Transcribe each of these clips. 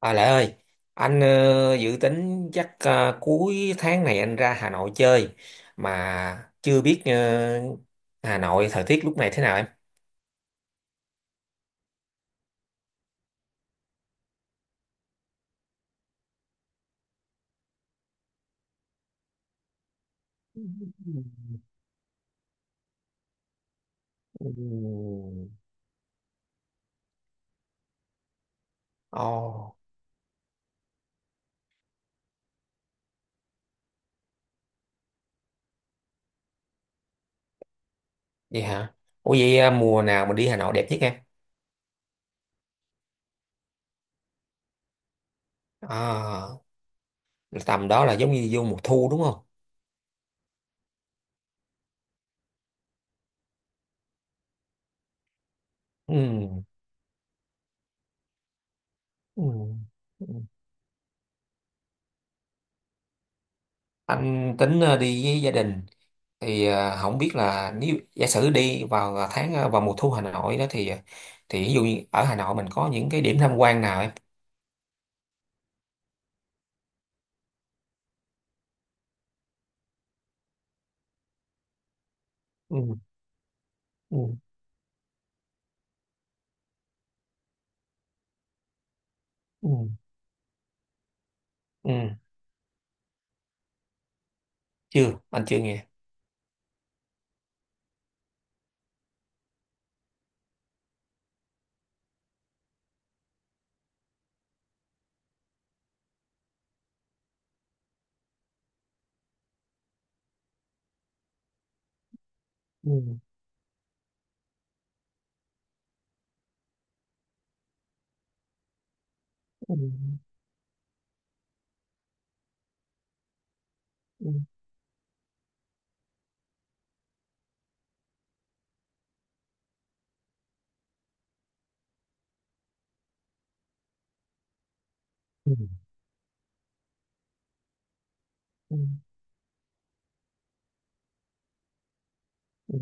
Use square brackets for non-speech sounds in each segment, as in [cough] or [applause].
À Lại ơi, anh dự tính chắc cuối tháng này anh ra Hà Nội chơi mà chưa biết Hà Nội thời tiết lúc này thế nào em? [laughs] Ừ. Ồ, vậy hả? Ủa vậy, mùa nào mà đi Hà Nội đẹp nhất em? À, tầm đó là giống như vô mùa thu đúng không? Ừ. Ừ. Anh tính đi với gia đình thì không biết là nếu giả sử đi vào vào mùa thu Hà Nội đó thì thì ví dụ như ở Hà Nội mình có những cái điểm tham quan nào em? Ừ. Ừ. Ừ. Ừ. Chưa, anh chưa nghe. Ừ. Ừ. Ừ. Ừ. Ừ. Ừ.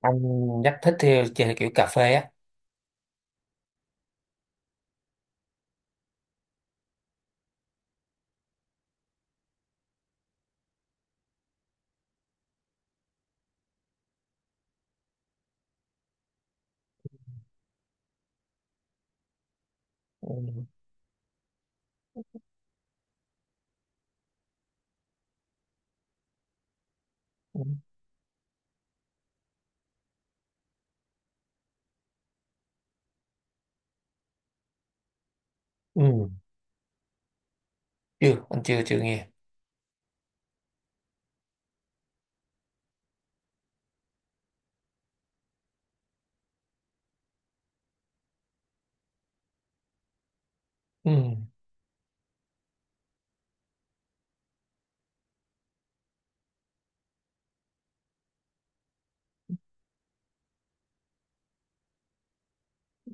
Anh nhắc thích theo trên kiểu cà phê á. Ừ. Ừ. Ừ. Chưa, anh chưa chưa nghe. Ừ.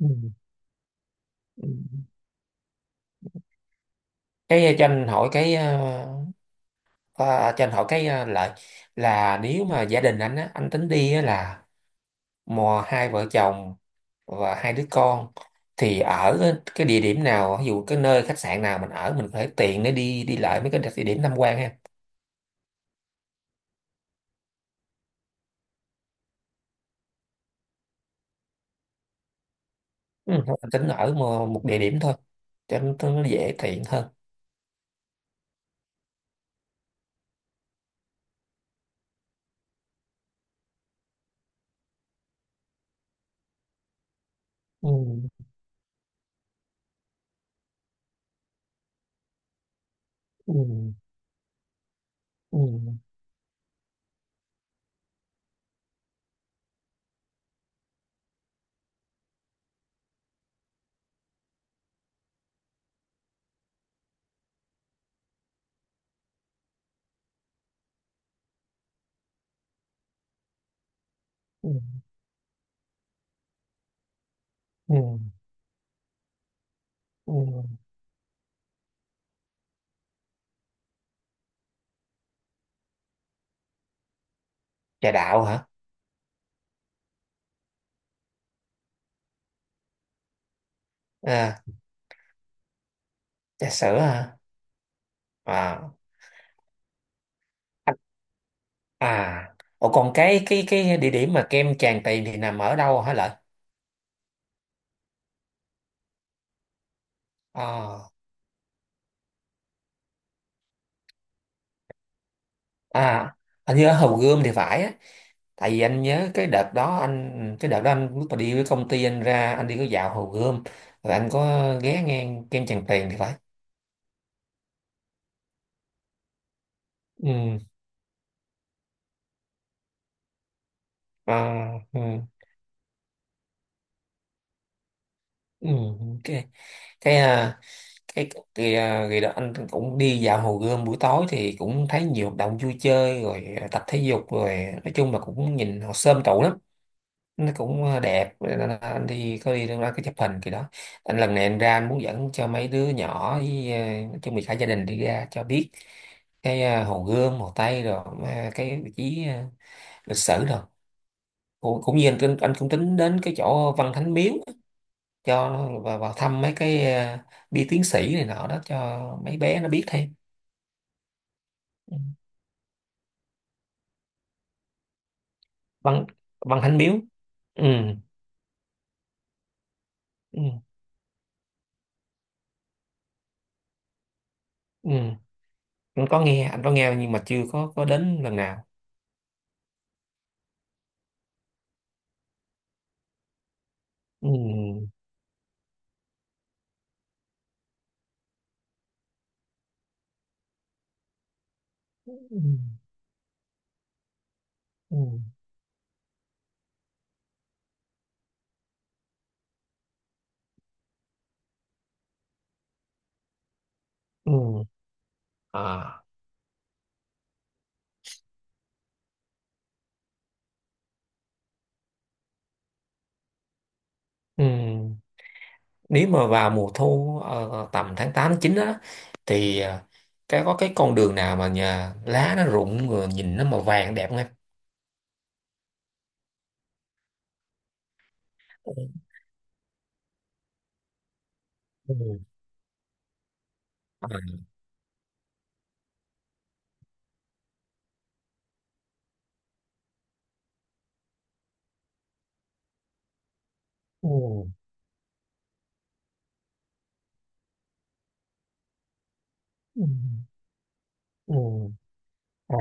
Ừ. Ừ. Cái cho anh hỏi cái Ờ, cho anh hỏi cái lại là nếu mà gia đình anh á, anh tính đi á là mò hai vợ chồng và hai đứa con thì ở cái địa điểm nào, ví dụ cái nơi khách sạn nào mình ở mình phải tiện để đi đi lại mấy cái địa điểm tham quan ha. Ừ, thôi anh tính ở một địa điểm thôi cho nó dễ tiện hơn. Ừ. Ừ. Ừ. Ừ. Ừ. Ừ. Trà đạo hả? À, trà sữa hả? À, anh- à. Ủa còn cái địa điểm mà kem Tràng Tiền thì nằm ở đâu hả lợi? À. À, anh nhớ Hồ Gươm thì phải á, tại vì anh nhớ cái đợt đó anh lúc mà đi với công ty anh ra anh đi có dạo Hồ Gươm rồi anh có ghé ngang kem Tràng Tiền thì phải. Ừ. À, ừ. Ừ. cái cái à, cái cái đó anh cũng đi dạo Hồ Gươm buổi tối thì cũng thấy nhiều hoạt động vui chơi rồi tập thể dục rồi, nói chung là cũng nhìn họ xôm tụ lắm, nó cũng đẹp nên là anh đi có đi đâu đó cái chụp hình kỳ đó. Anh lần này anh ra anh muốn dẫn cho mấy đứa nhỏ với nói chung là cả gia đình đi ra cho biết cái Hồ Gươm Hồ Tây rồi cái vị trí lịch sử rồi cũng, cũng như anh, anh cũng tính đến cái chỗ Văn Thánh Miếu cho vào, vào thăm mấy cái bia tiến sĩ này nọ đó cho mấy bé nó biết thêm. Ừ. Văn Văn Thánh Miếu. Ừ. Ừ. Ừ. Anh có nghe, anh có nghe nhưng mà chưa có có đến lần nào. Ừ. Ừ. Ừ. Ừ. À. Ừ. Nếu mà vào mùa thu tầm tháng 8 9 đó thì cái có cái con đường nào mà nhà lá nó rụng rồi nhìn nó màu vàng đẹp không em? Ừ. Ừ. À. Ừ. Ừ. Ừ. À,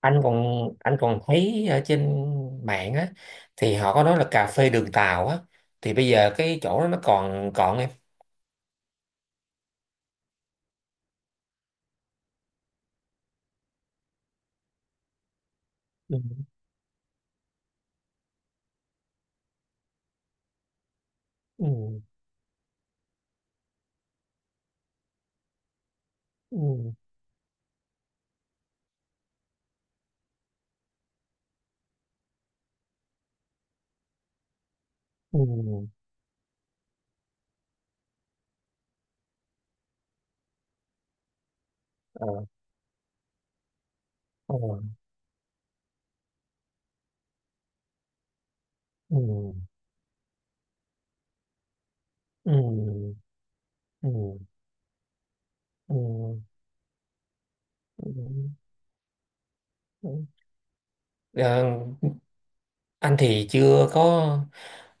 anh còn thấy ở trên mạng á thì họ có nói là cà phê đường tàu á thì bây giờ cái chỗ đó nó còn còn em? Ừ. Ừ. Ừ. Ừ. ờ, ờ, ừ. Ừ. Ừ. Ừ. Ờ, anh thì chưa có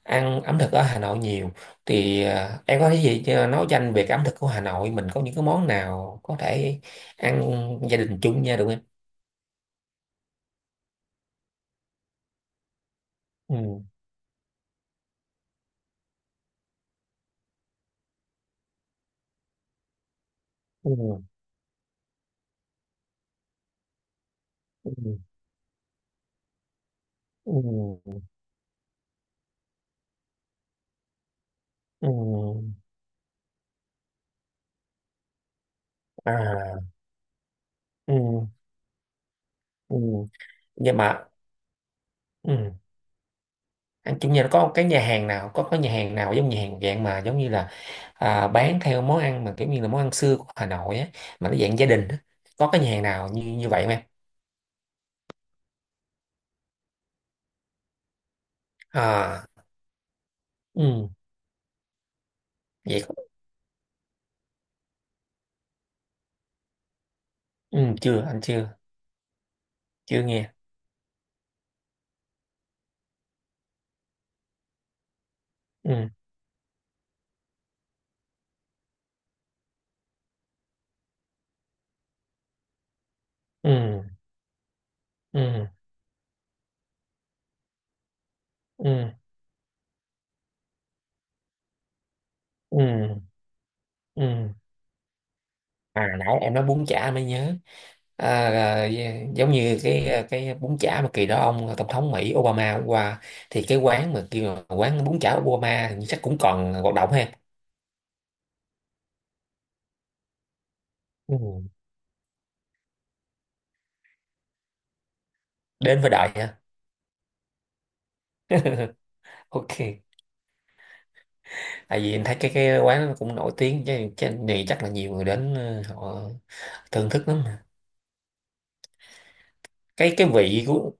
ăn ẩm thực ở Hà Nội nhiều thì em có cái gì cho nói danh về cái ẩm thực của Hà Nội mình có những cái món nào có thể ăn gia đình chung nha được không? Ừ. Ừ. Ừ. Ừ. Ừ. À. Ừ. Ừ. Nhưng mà ừ. Anh chủ nhà nó có cái nhà hàng nào có nhà hàng nào giống nhà hàng dạng mà giống như là à, bán theo món ăn mà kiểu như là món ăn xưa của Hà Nội á mà nó dạng gia đình á, có cái nhà hàng nào như như vậy không em? À. Ừ. Vậy ừ, chưa anh chưa chưa nghe. Ừ. Ừ. Ừ. Ừ. Ừ. Ừ. À, nãy em nói bún chả mới nhớ, à, à, dạ, giống như cái à, cái bún chả mà kỳ đó ông à, tổng thống Mỹ Obama hôm qua, thì cái quán mà kêu là quán bún chả Obama thì chắc cũng còn hoạt động ha. Ừ. Đến với đại hả? Ok. Tại vì em thấy cái quán nó cũng nổi tiếng chứ cái này chắc là nhiều người đến họ thưởng thức lắm mà. Cái vị của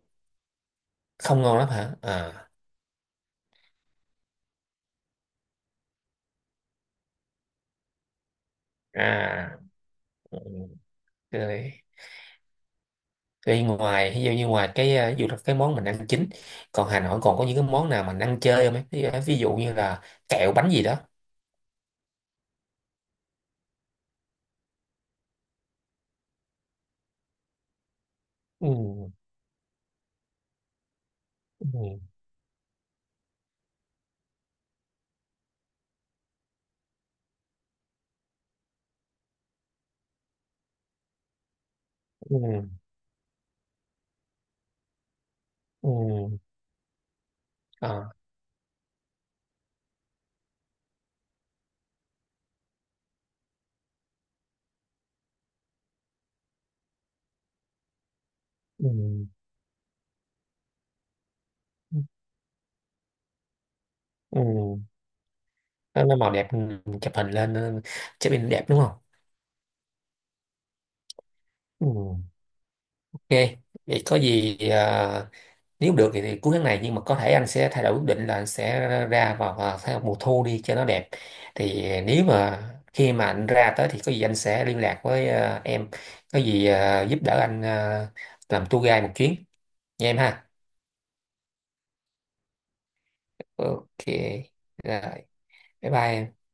không ngon lắm hả? À. À. Ừ. Rồi. Vậy ngoài ví dụ như ngoài cái ví dụ là cái món mình ăn chính, còn Hà Nội còn có những cái món nào mình ăn chơi không ấy, ví dụ như là kẹo bánh gì đó. Ừ. Ừ. Ừ. Ừ. À. Ừ. Ừ. Nó màu đẹp, ừ, chụp hình lên, ừ, chụp hình đẹp đúng không? Ừ. Ok, vậy có gì à, nếu được thì cuối tháng này nhưng mà có thể anh sẽ thay đổi quyết định là anh sẽ ra vào, vào theo mùa thu đi cho nó đẹp. Thì nếu mà khi mà anh ra tới thì có gì anh sẽ liên lạc với à, em, có gì à, giúp đỡ anh à, làm tour guide một chuyến nha em ha. Ok, rồi, bye bye em.